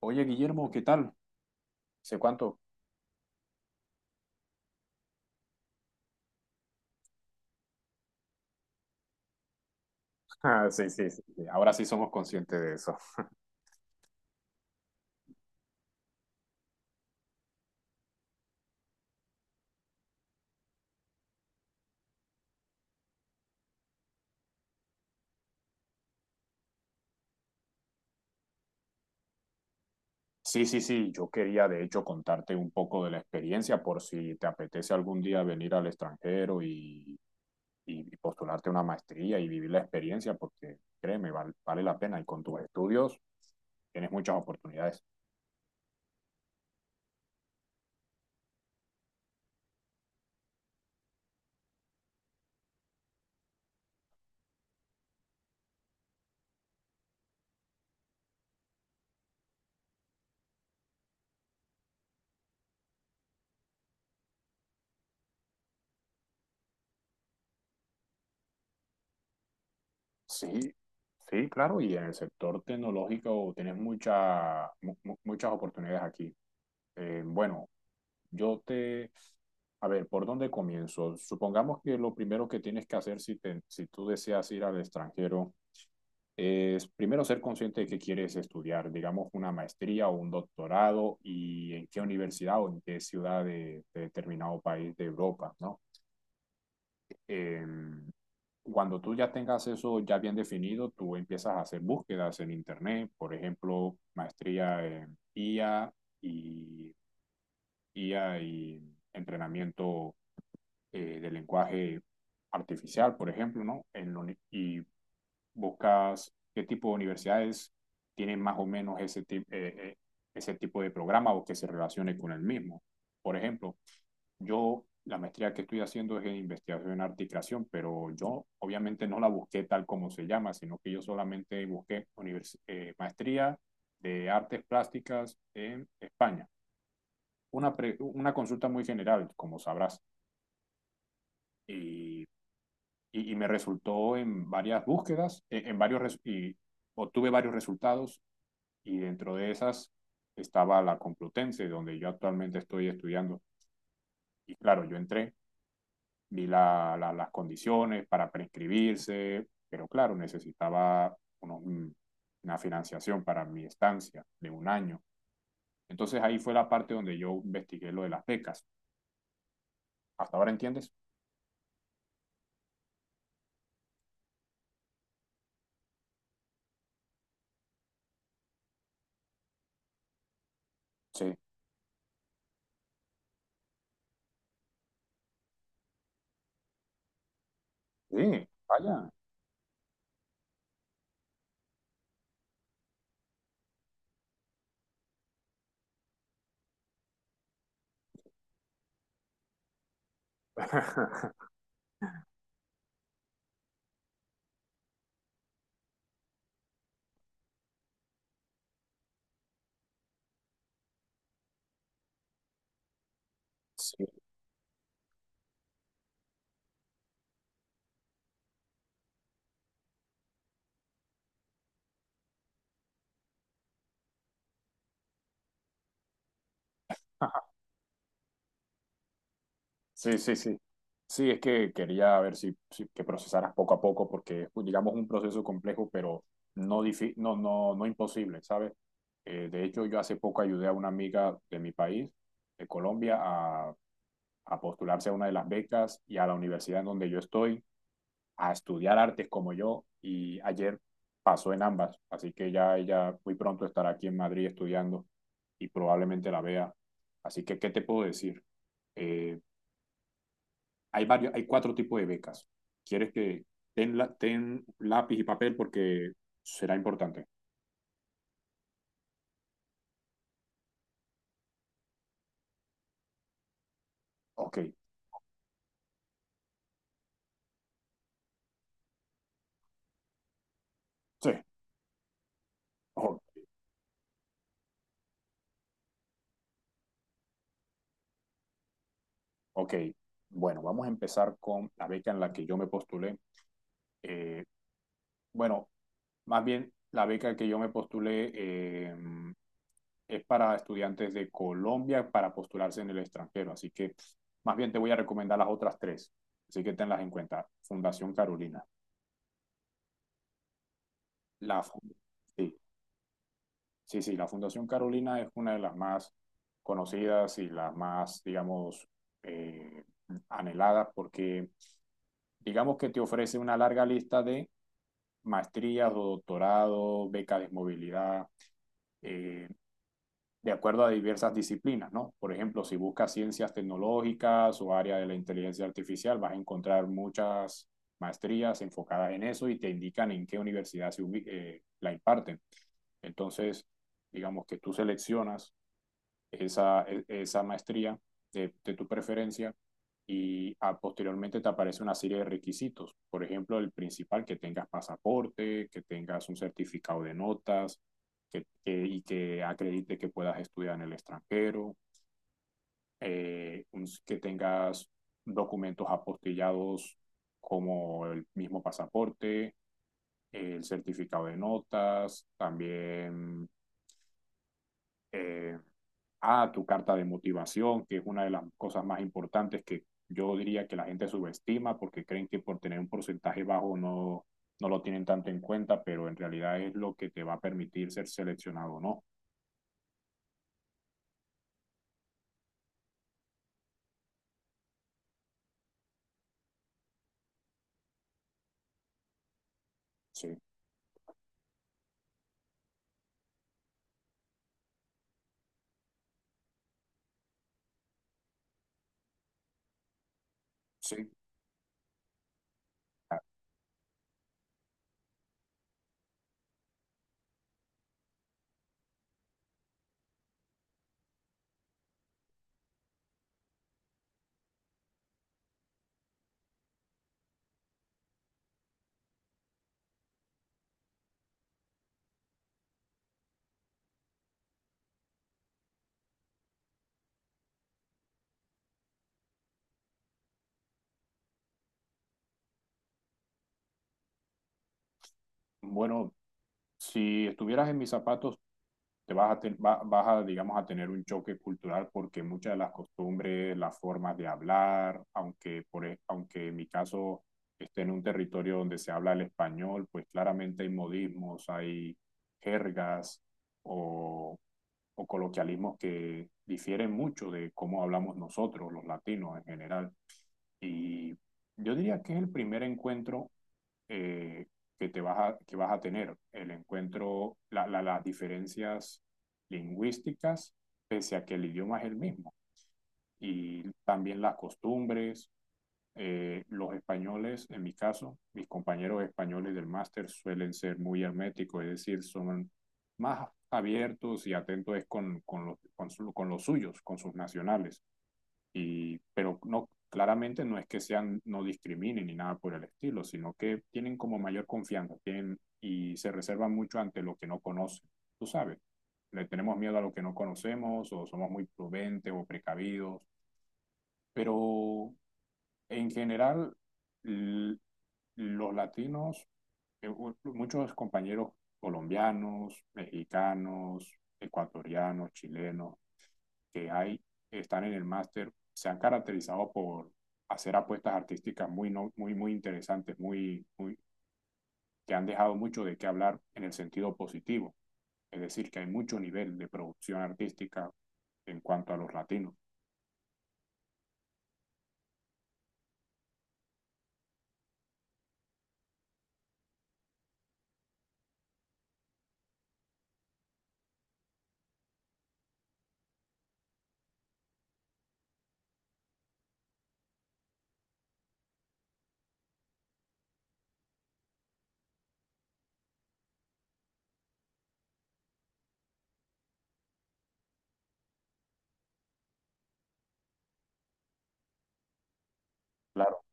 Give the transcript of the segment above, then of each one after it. Oye, Guillermo, ¿qué tal? ¿Sé cuánto? Ah, sí, sí, sí, sí. Ahora sí somos conscientes de eso. Sí, sí, sí, yo quería de hecho contarte un poco de la experiencia por si te apetece algún día venir al extranjero y postularte una maestría y vivir la experiencia porque créeme, vale la pena y con tus estudios tienes muchas oportunidades. Sí, sí, claro, y en el sector tecnológico tienes muchas oportunidades aquí. Bueno, Yo te, a ver, ¿por dónde comienzo? Supongamos que lo primero que tienes que hacer si tú deseas ir al extranjero es primero ser consciente de que quieres estudiar, digamos, una maestría o un doctorado y en qué universidad o en qué ciudad de determinado país de Europa, ¿no? Eh, cuando tú ya tengas eso ya bien definido, tú empiezas a hacer búsquedas en Internet, por ejemplo, maestría en IA y, IA y entrenamiento de lenguaje artificial, por ejemplo, ¿no? Y buscas qué tipo de universidades tienen más o menos ese tipo de programa o que se relacione con el mismo. Por ejemplo, yo la maestría que estoy haciendo es en investigación en arte y creación, pero yo obviamente no la busqué tal como se llama, sino que yo solamente busqué maestría de artes plásticas en España. Una consulta muy general, como sabrás. Y y me resultó en varias búsquedas, en varios y obtuve varios resultados y dentro de esas estaba la Complutense, donde yo actualmente estoy estudiando. Y claro, yo entré, vi las condiciones para prescribirse, pero claro, una financiación para mi estancia de 1 año. Entonces ahí fue la parte donde yo investigué lo de las becas. ¿Hasta ahora entiendes? Sí. Sí, vaya. sí. Sí, sí, sí. Sí, es que quería ver que procesaras poco a poco, porque es, digamos, un proceso complejo, pero no, no imposible, ¿sabes? De hecho, yo hace poco ayudé a una amiga de mi país, de Colombia, a postularse a una de las becas y a la universidad en donde yo estoy, a estudiar artes como yo, y ayer pasó en ambas, así que ya ella muy pronto estará aquí en Madrid estudiando y probablemente la vea. Así que, ¿qué te puedo decir? Eh, hay 4 tipos de becas. ¿Quieres que ten lápiz y papel porque será importante? Ok, sí, oh, ok. Bueno, vamos a empezar con la beca en la que yo me postulé. Eh, bueno, más bien la beca que yo me postulé es para estudiantes de Colombia para postularse en el extranjero. Así que más bien te voy a recomendar las otras 3. Así que tenlas en cuenta. Fundación Carolina. La, fun- sí, Sí, sí, la Fundación Carolina es una de las más conocidas y las más, digamos, eh, anheladas porque, digamos que te ofrece una larga lista de maestrías o doctorado, becas de movilidad, eh, de acuerdo a diversas disciplinas, ¿no? Por ejemplo, si buscas ciencias tecnológicas o área de la inteligencia artificial, vas a encontrar muchas maestrías enfocadas en eso y te indican en qué universidad la imparten. Entonces, digamos que tú seleccionas esa, esa maestría de tu preferencia posteriormente te aparece una serie de requisitos. Por ejemplo, el principal, que tengas pasaporte, que tengas un certificado de notas y que acredite que puedas estudiar en el extranjero, que tengas documentos apostillados como el mismo pasaporte, el certificado de notas, también eh, a tu carta de motivación, que es una de las cosas más importantes que yo diría que la gente subestima porque creen que por tener un porcentaje bajo no lo tienen tanto en cuenta, pero en realidad es lo que te va a permitir ser seleccionado o no. Sí, sí, bueno, si estuvieras en mis zapatos, te vas a, te va- vas a, digamos, a tener un choque cultural porque muchas de las costumbres, las formas de hablar, aunque en mi caso esté en un territorio donde se habla el español, pues claramente hay modismos, hay jergas o, o coloquialismos que difieren mucho de cómo hablamos nosotros, los latinos en general. Y yo diría que es el primer encuentro eh, que vas a tener, el encuentro, la, las diferencias lingüísticas, pese a que el idioma es el mismo, y también las costumbres. Los españoles, en mi caso, mis compañeros españoles del máster suelen ser muy herméticos, es decir, son más abiertos y atentos con los suyos, con sus nacionales. Y, pero no, claramente no es que sean, no discriminen ni nada por el estilo, sino que tienen como mayor confianza, y se reservan mucho ante lo que no conocen. Tú sabes, le tenemos miedo a lo que no conocemos, o somos muy prudentes o precavidos, pero en general, l- los latinos, muchos compañeros colombianos, mexicanos, ecuatorianos, chilenos, que hay, están en el máster, se han caracterizado por hacer apuestas artísticas muy, no- muy, muy interesantes, que han dejado mucho de qué hablar en el sentido positivo. Es decir, que hay mucho nivel de producción artística en cuanto a los latinos. Claro,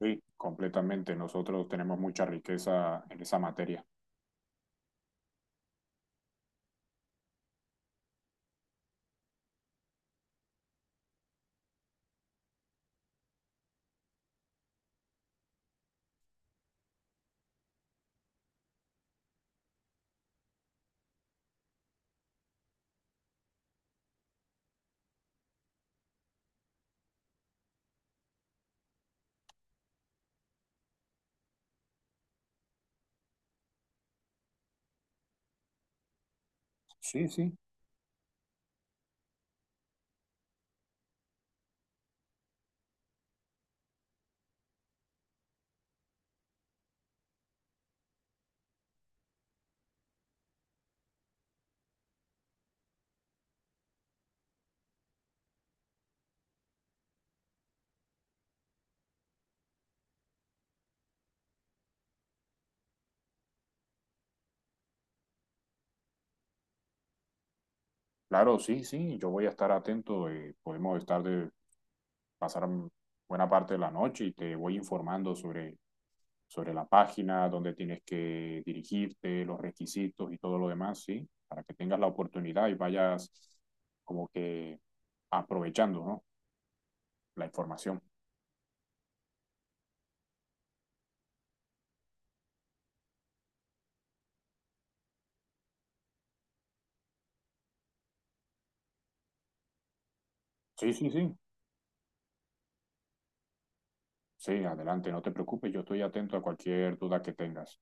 sí, completamente. Nosotros tenemos mucha riqueza en esa materia. Sí, sí. Claro, sí, sí. Yo voy a estar atento. Podemos estar de pasar buena parte de la noche y te voy informando sobre la página, dónde tienes que dirigirte, los requisitos y todo lo demás, ¿sí? Para que tengas la oportunidad y vayas como que aprovechando, ¿no? La información. Sí, sí, sí. Sí, adelante, no te preocupes, yo estoy atento a cualquier duda que tengas.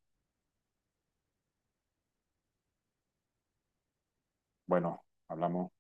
Bueno, hablamos.